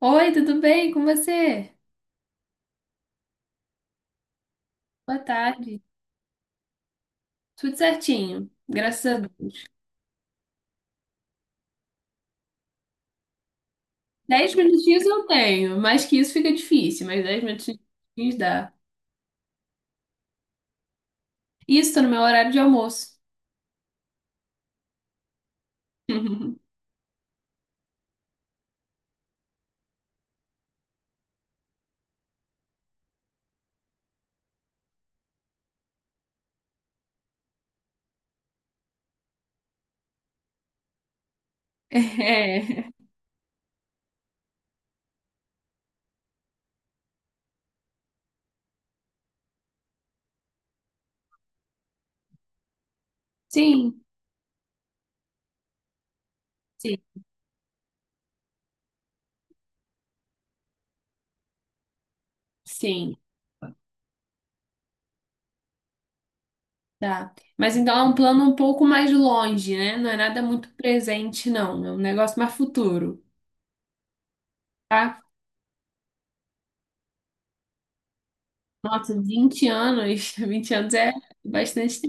Oi, tudo bem com você? Boa tarde. Tudo certinho. Graças a Deus. Dez minutinhos eu tenho. Mais que isso fica difícil, mas dez minutinhos dá. Isso, tô no meu horário de almoço. É. Sim, sim, sim, tá. Mas então é um plano um pouco mais longe, né? Não é nada muito presente, não. É um negócio mais futuro, tá? Nossa, 20 anos, 20 anos é bastante.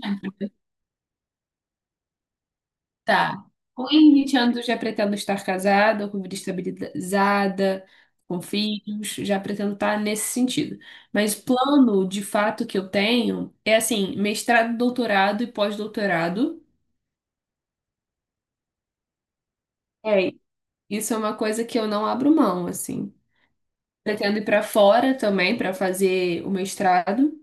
Tá. Com 20 anos, já pretendo estar casada, com vida estabilizada, com filhos, já pretendo estar nesse sentido. Mas o plano de fato que eu tenho é assim, mestrado, doutorado e pós-doutorado. É, isso é uma coisa que eu não abro mão, assim. Pretendo ir para fora também para fazer o mestrado.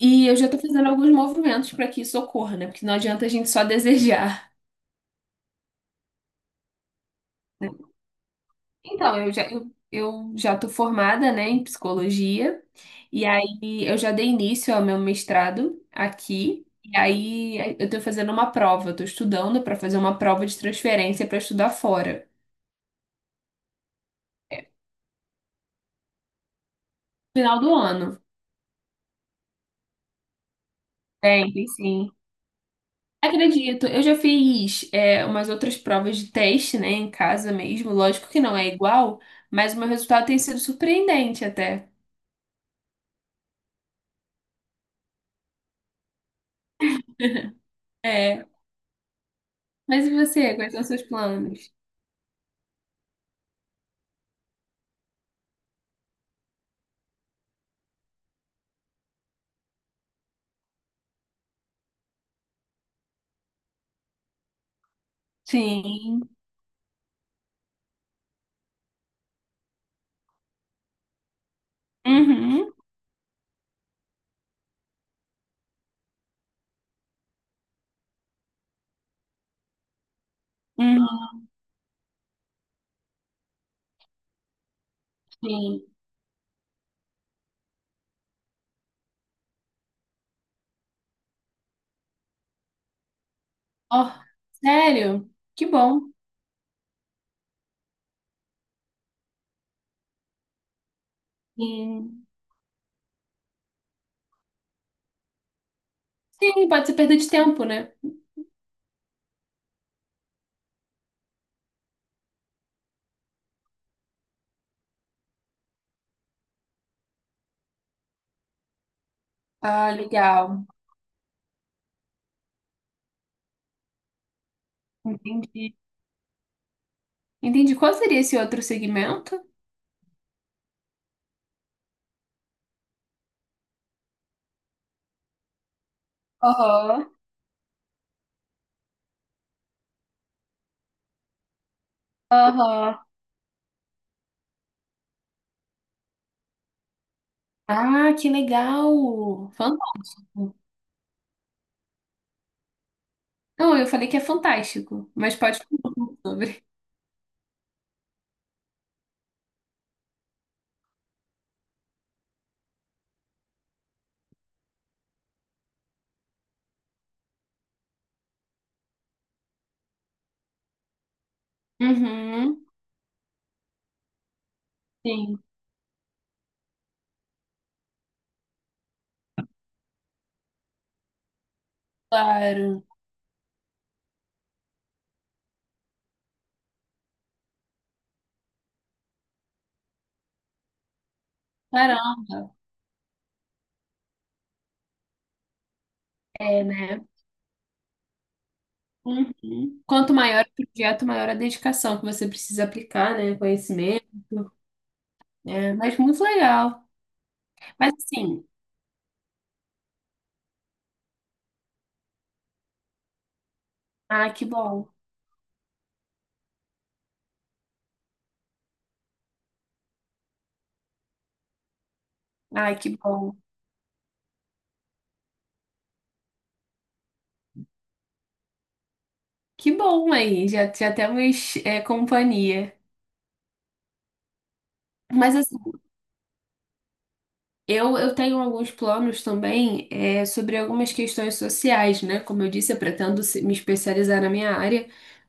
E eu já estou fazendo alguns movimentos para que isso ocorra, né? Porque não adianta a gente só desejar. Né? Então, eu já tô formada, né, em psicologia, e aí eu já dei início ao meu mestrado aqui, e aí eu tô fazendo uma prova, eu tô estudando para fazer uma prova de transferência para estudar fora, final do ano. Tem, tem sim. Acredito, eu já fiz umas outras provas de teste, né, em casa mesmo, lógico que não é igual, mas o meu resultado tem sido surpreendente até. É, mas e você, quais são os seus planos? Sim. Uhum. Uhum. Sim. Ó, sério? Que bom. Sim. Sim, pode ser perda de tempo, né? Ah, legal. Entendi. Entendi. Qual seria esse outro segmento? Aham. Aham. Ah, que legal. Fantástico. Não, eu falei que é fantástico, mas pode falar um pouco sobre. Uhum. Sim, claro. Caramba. É, né? Uhum. Quanto maior o projeto, maior a dedicação que você precisa aplicar, né? Conhecimento. É, mas muito legal. Mas assim, ah, que bom. Ah, que bom. Que bom, aí já, já temos companhia. Mas eu, tenho alguns planos também sobre algumas questões sociais, né? Como eu disse, eu pretendo me especializar na minha área,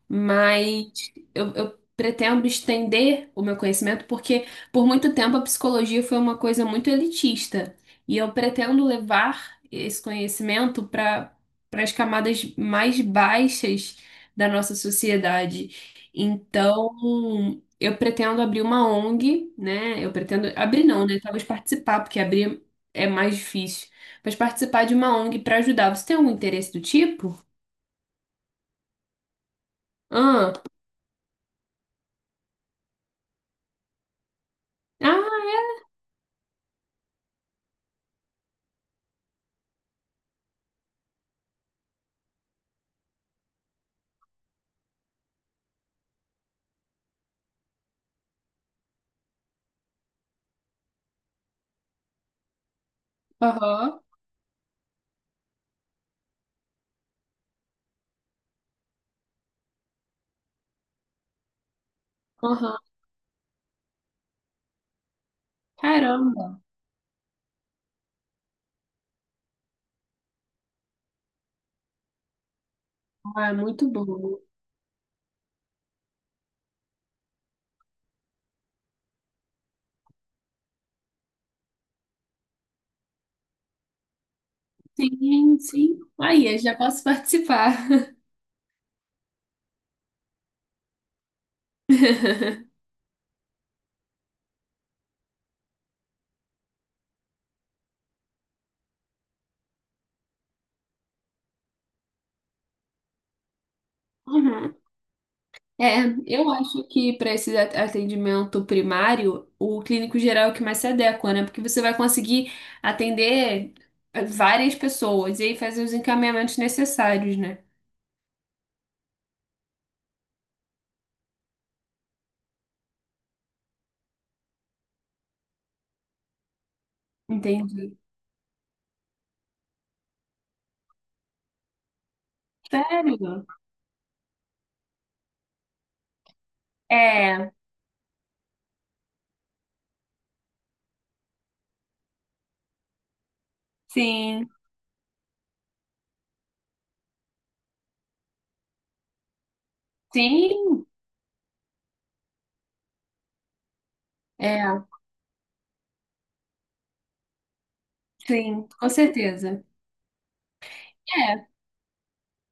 mas eu pretendo estender o meu conhecimento, porque por muito tempo a psicologia foi uma coisa muito elitista e eu pretendo levar esse conhecimento para as camadas mais baixas da nossa sociedade. Então, eu pretendo abrir uma ONG, né? Eu pretendo abrir não, né? Talvez participar, porque abrir é mais difícil. Mas participar de uma ONG para ajudar. Você tem algum interesse do tipo? Ah, ah, aham, aham. Caramba. Ah, é muito bom. Sim, sim. Aí, eu já posso participar. Uhum. É, eu acho que para esse atendimento primário, o clínico geral é o que mais se adequa, né? Porque você vai conseguir atender várias pessoas e aí fazer os encaminhamentos necessários, né? Entendi. Sério? É, sim, sim, é, sim, com certeza.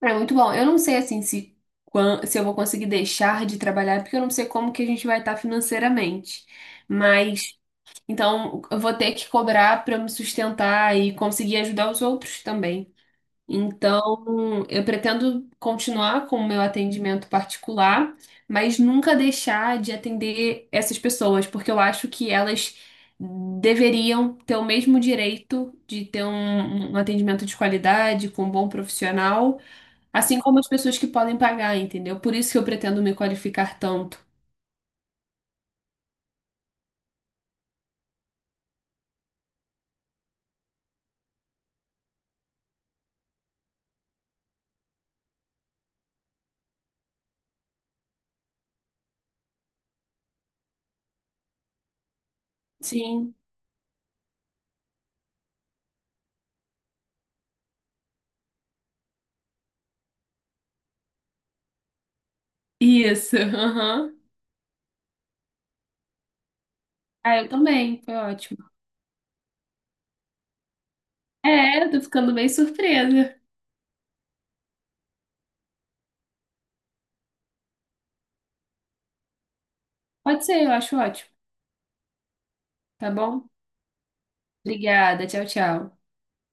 É, é muito bom. Eu não sei assim se, se eu vou conseguir deixar de trabalhar, porque eu não sei como que a gente vai estar financeiramente. Mas, então, eu vou ter que cobrar para me sustentar e conseguir ajudar os outros também. Então, eu pretendo continuar com o meu atendimento particular, mas nunca deixar de atender essas pessoas, porque eu acho que elas deveriam ter o mesmo direito de ter um atendimento de qualidade, com um bom profissional, assim como as pessoas que podem pagar, entendeu? Por isso que eu pretendo me qualificar tanto. Sim, isso. Aham. Ah, eu também. Foi ótimo. É, eu tô ficando bem surpresa. Pode ser, eu acho ótimo. Tá bom? Obrigada. Tchau, tchau.